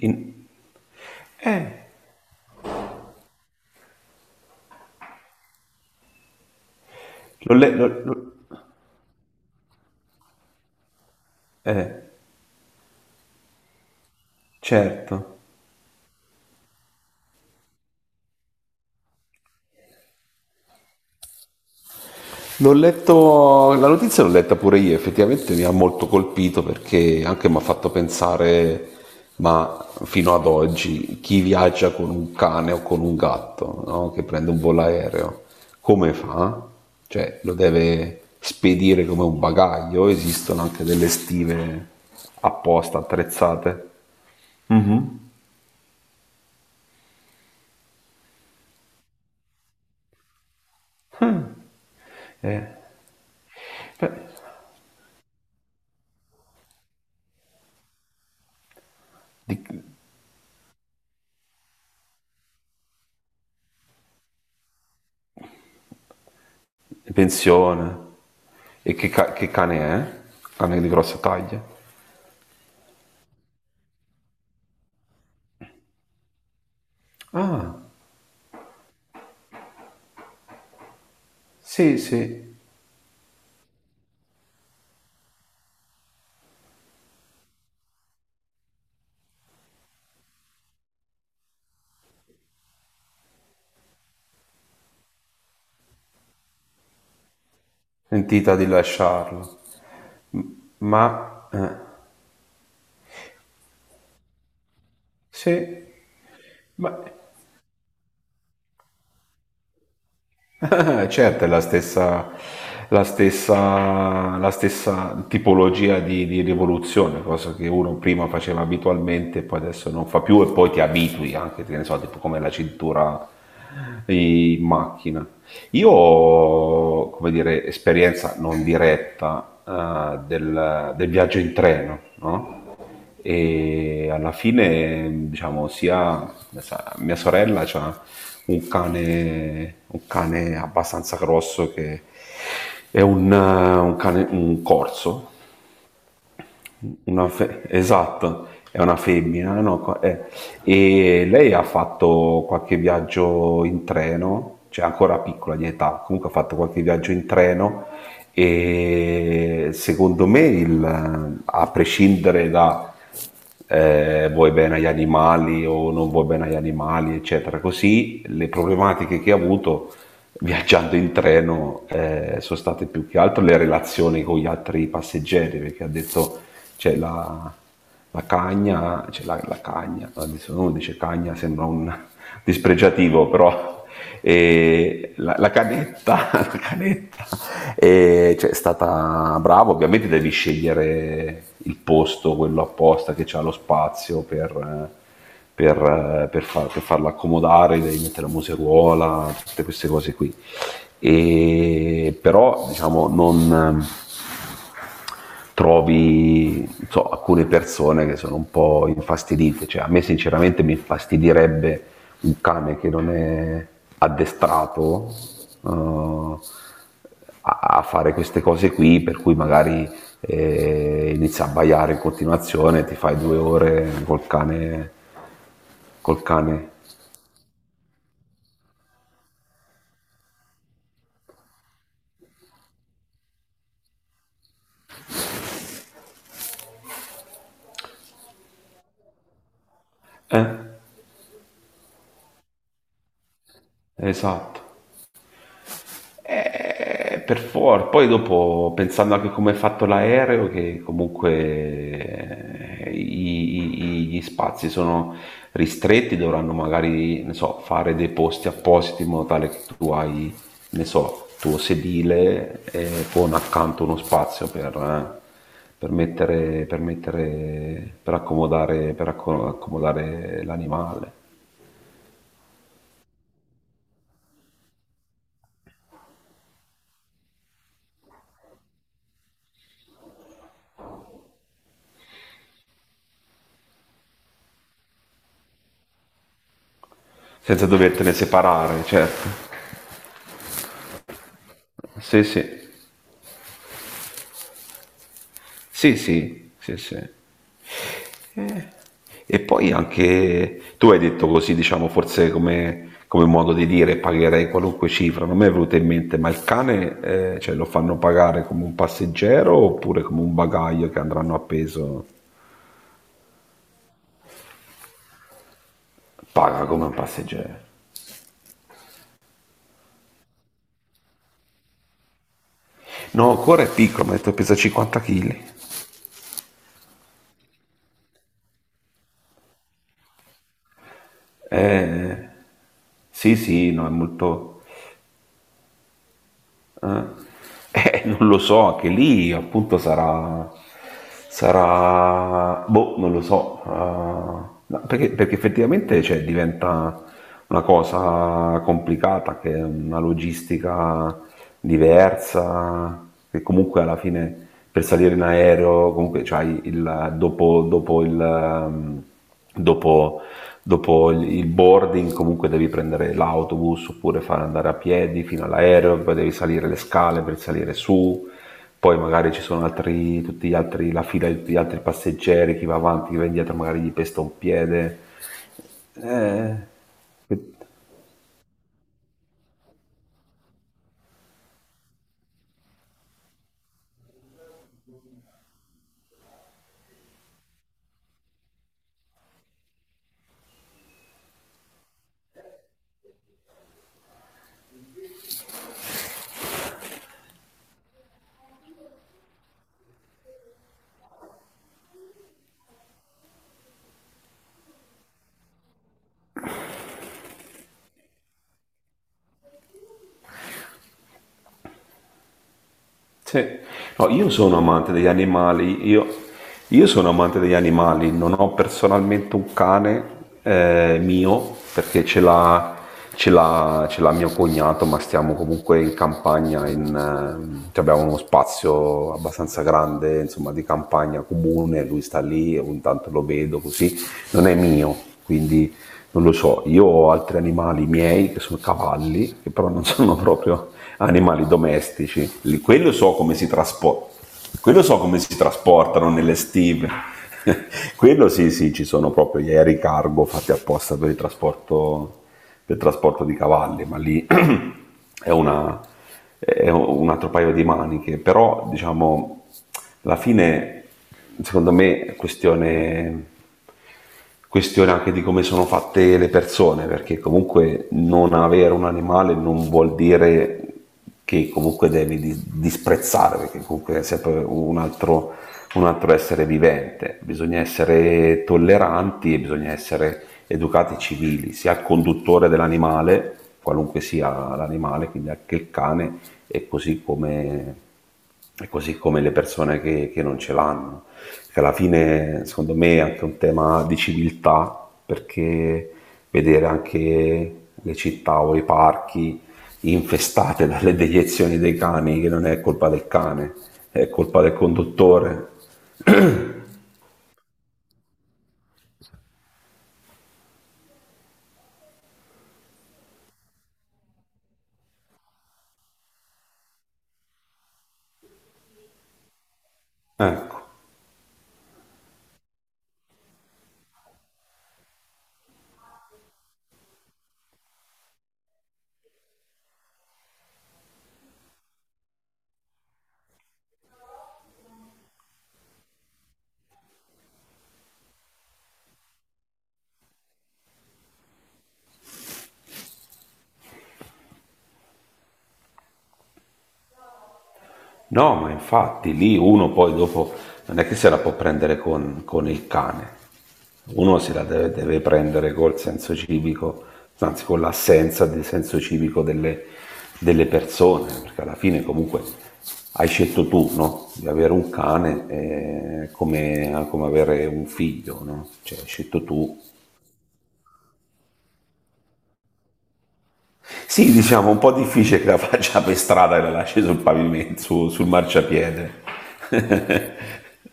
In- Eh, l'ho le- l'ho- l'ho- eh, certo. L'ho letto, la notizia l'ho letta pure io, effettivamente mi ha molto colpito perché anche mi ha fatto pensare, ma fino ad oggi, chi viaggia con un cane o con un gatto, no? Che prende un volo aereo, come fa? Cioè, lo deve spedire come un bagaglio, esistono anche delle stive apposta attrezzate. Mhm. Eh, Beh, di- Pensione. E che cane è? Cane di grossa taglia. Ah, sì, sì. Sentita di lasciarlo. M- Ma... eh, sì. Ma Ah, certo, è la stessa, la stessa tipologia di rivoluzione, cosa che uno prima faceva abitualmente, e poi adesso non fa più e poi ti abitui anche, che ne so, tipo come la cintura in macchina. Io ho, come dire, esperienza non diretta, del, del viaggio in treno, no? E alla fine, diciamo, mia sorella ha un cane abbastanza grosso che è un cane, un corso, esatto, è una femmina, no? E lei ha fatto qualche viaggio in treno, cioè ancora piccola di età, comunque ha fatto qualche viaggio in treno e secondo me, a prescindere da vuoi bene agli animali o non vuoi bene agli animali, eccetera, così le problematiche che ha avuto viaggiando in treno sono state più che altro le relazioni con gli altri passeggeri, perché ha detto c'è la cagna, c'è la cagna, adesso uno dice cagna, sembra un dispregiativo, però e la canetta, la canetta e, cioè, è stata brava, ovviamente devi scegliere il posto, quello apposta che ha lo spazio per, per farla accomodare, devi mettere la museruola, tutte queste cose qui. E, però diciamo non trovi non so, alcune persone che sono un po' infastidite, cioè a me sinceramente mi infastidirebbe un cane che non è addestrato eh, a, a fare queste cose qui, per cui magari inizia a baiare in continuazione, ti fai due ore col cane. Eh, esatto. Per for poi dopo pensando anche come è fatto l'aereo, che comunque gli spazi sono ristretti, dovranno magari, ne so, fare dei posti appositi in modo tale che tu hai, ne so, tuo sedile con accanto uno spazio per mettere, per mettere, per accomodare, accomodare l'animale, senza dovertene separare, certo. Sì, sì. Sì, sì, sì, sì. Eh, E poi anche tu hai detto così, diciamo, forse come, come modo di dire, pagherei qualunque cifra. Non mi è venuto in mente, ma il cane, cioè, lo fanno pagare come un passeggero oppure come un bagaglio che andranno appeso? Paga come un passeggero. No, ancora è piccolo, mi ha detto pesa 50 kg. Eh, sì, sì, no, è molto... eh, non lo so, anche lì appunto sarà... sarà... boh, non lo so. Ah, no, perché, perché effettivamente cioè, diventa una cosa complicata, che è una logistica diversa, che comunque alla fine per salire in aereo, comunque c'hai il, dopo, dopo, dopo il boarding comunque devi prendere l'autobus oppure fare andare a piedi fino all'aereo, poi devi salire le scale per salire su, poi magari ci sono altri, tutti gli altri, la fila di tutti gli altri passeggeri, chi va avanti, chi va indietro, magari gli pesta un piede. Eh, Sì. No, io sono amante degli animali, io sono amante degli animali, non ho personalmente un cane mio perché ce l'ha, ce l'ha mio cognato, ma stiamo comunque in campagna, cioè abbiamo uno spazio abbastanza grande, insomma, di campagna comune, lui sta lì e ogni tanto lo vedo così, non è mio, quindi non lo so, io ho altri animali miei che sono cavalli, che però non sono proprio animali domestici. Quello so come si trasporta. Quello so come si trasportano nelle stive. Quello sì, sì, ci sono proprio gli aerei cargo fatti apposta per il trasporto di cavalli, ma lì è, una- è un altro paio di maniche, però diciamo, alla fine, secondo me, è questione anche di come sono fatte le persone, perché comunque non avere un animale non vuol dire che comunque devi disprezzare, perché comunque è sempre un altro essere vivente. Bisogna essere tolleranti e bisogna essere educati civili, sia al conduttore dell'animale, qualunque sia l'animale, quindi anche il cane, e così come, e così come le persone che non ce l'hanno. Che alla fine, secondo me, è anche un tema di civiltà, perché vedere anche le città o i parchi infestate dalle deiezioni dei cani, che non è colpa del cane, è colpa del conduttore. Ecco. No, ma infatti lì uno poi dopo non è che se la può prendere con il cane, uno se la deve prendere col senso civico, anzi con l'assenza di senso civico delle persone, perché alla fine comunque hai scelto tu, no? Di avere un cane come avere un figlio, no? Cioè hai scelto tu. Sì, diciamo, un po' difficile che la faccia per strada e la lasci sul pavimento, sul marciapiede.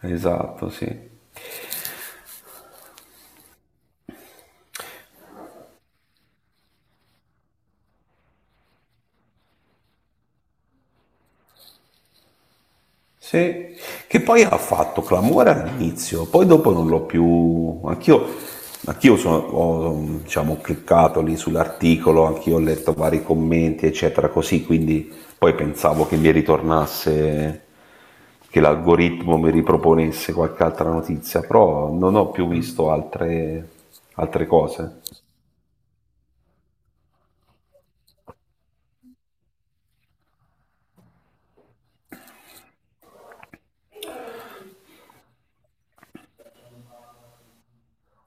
Esatto, sì. Sì, che poi ha fatto clamore all'inizio, poi dopo non l'ho più... anch'io ho diciamo, cliccato lì sull'articolo, anch'io ho letto vari commenti, eccetera, così, quindi poi pensavo che mi ritornasse, che l'algoritmo mi riproponesse qualche altra notizia, però non ho più visto altre, altre cose.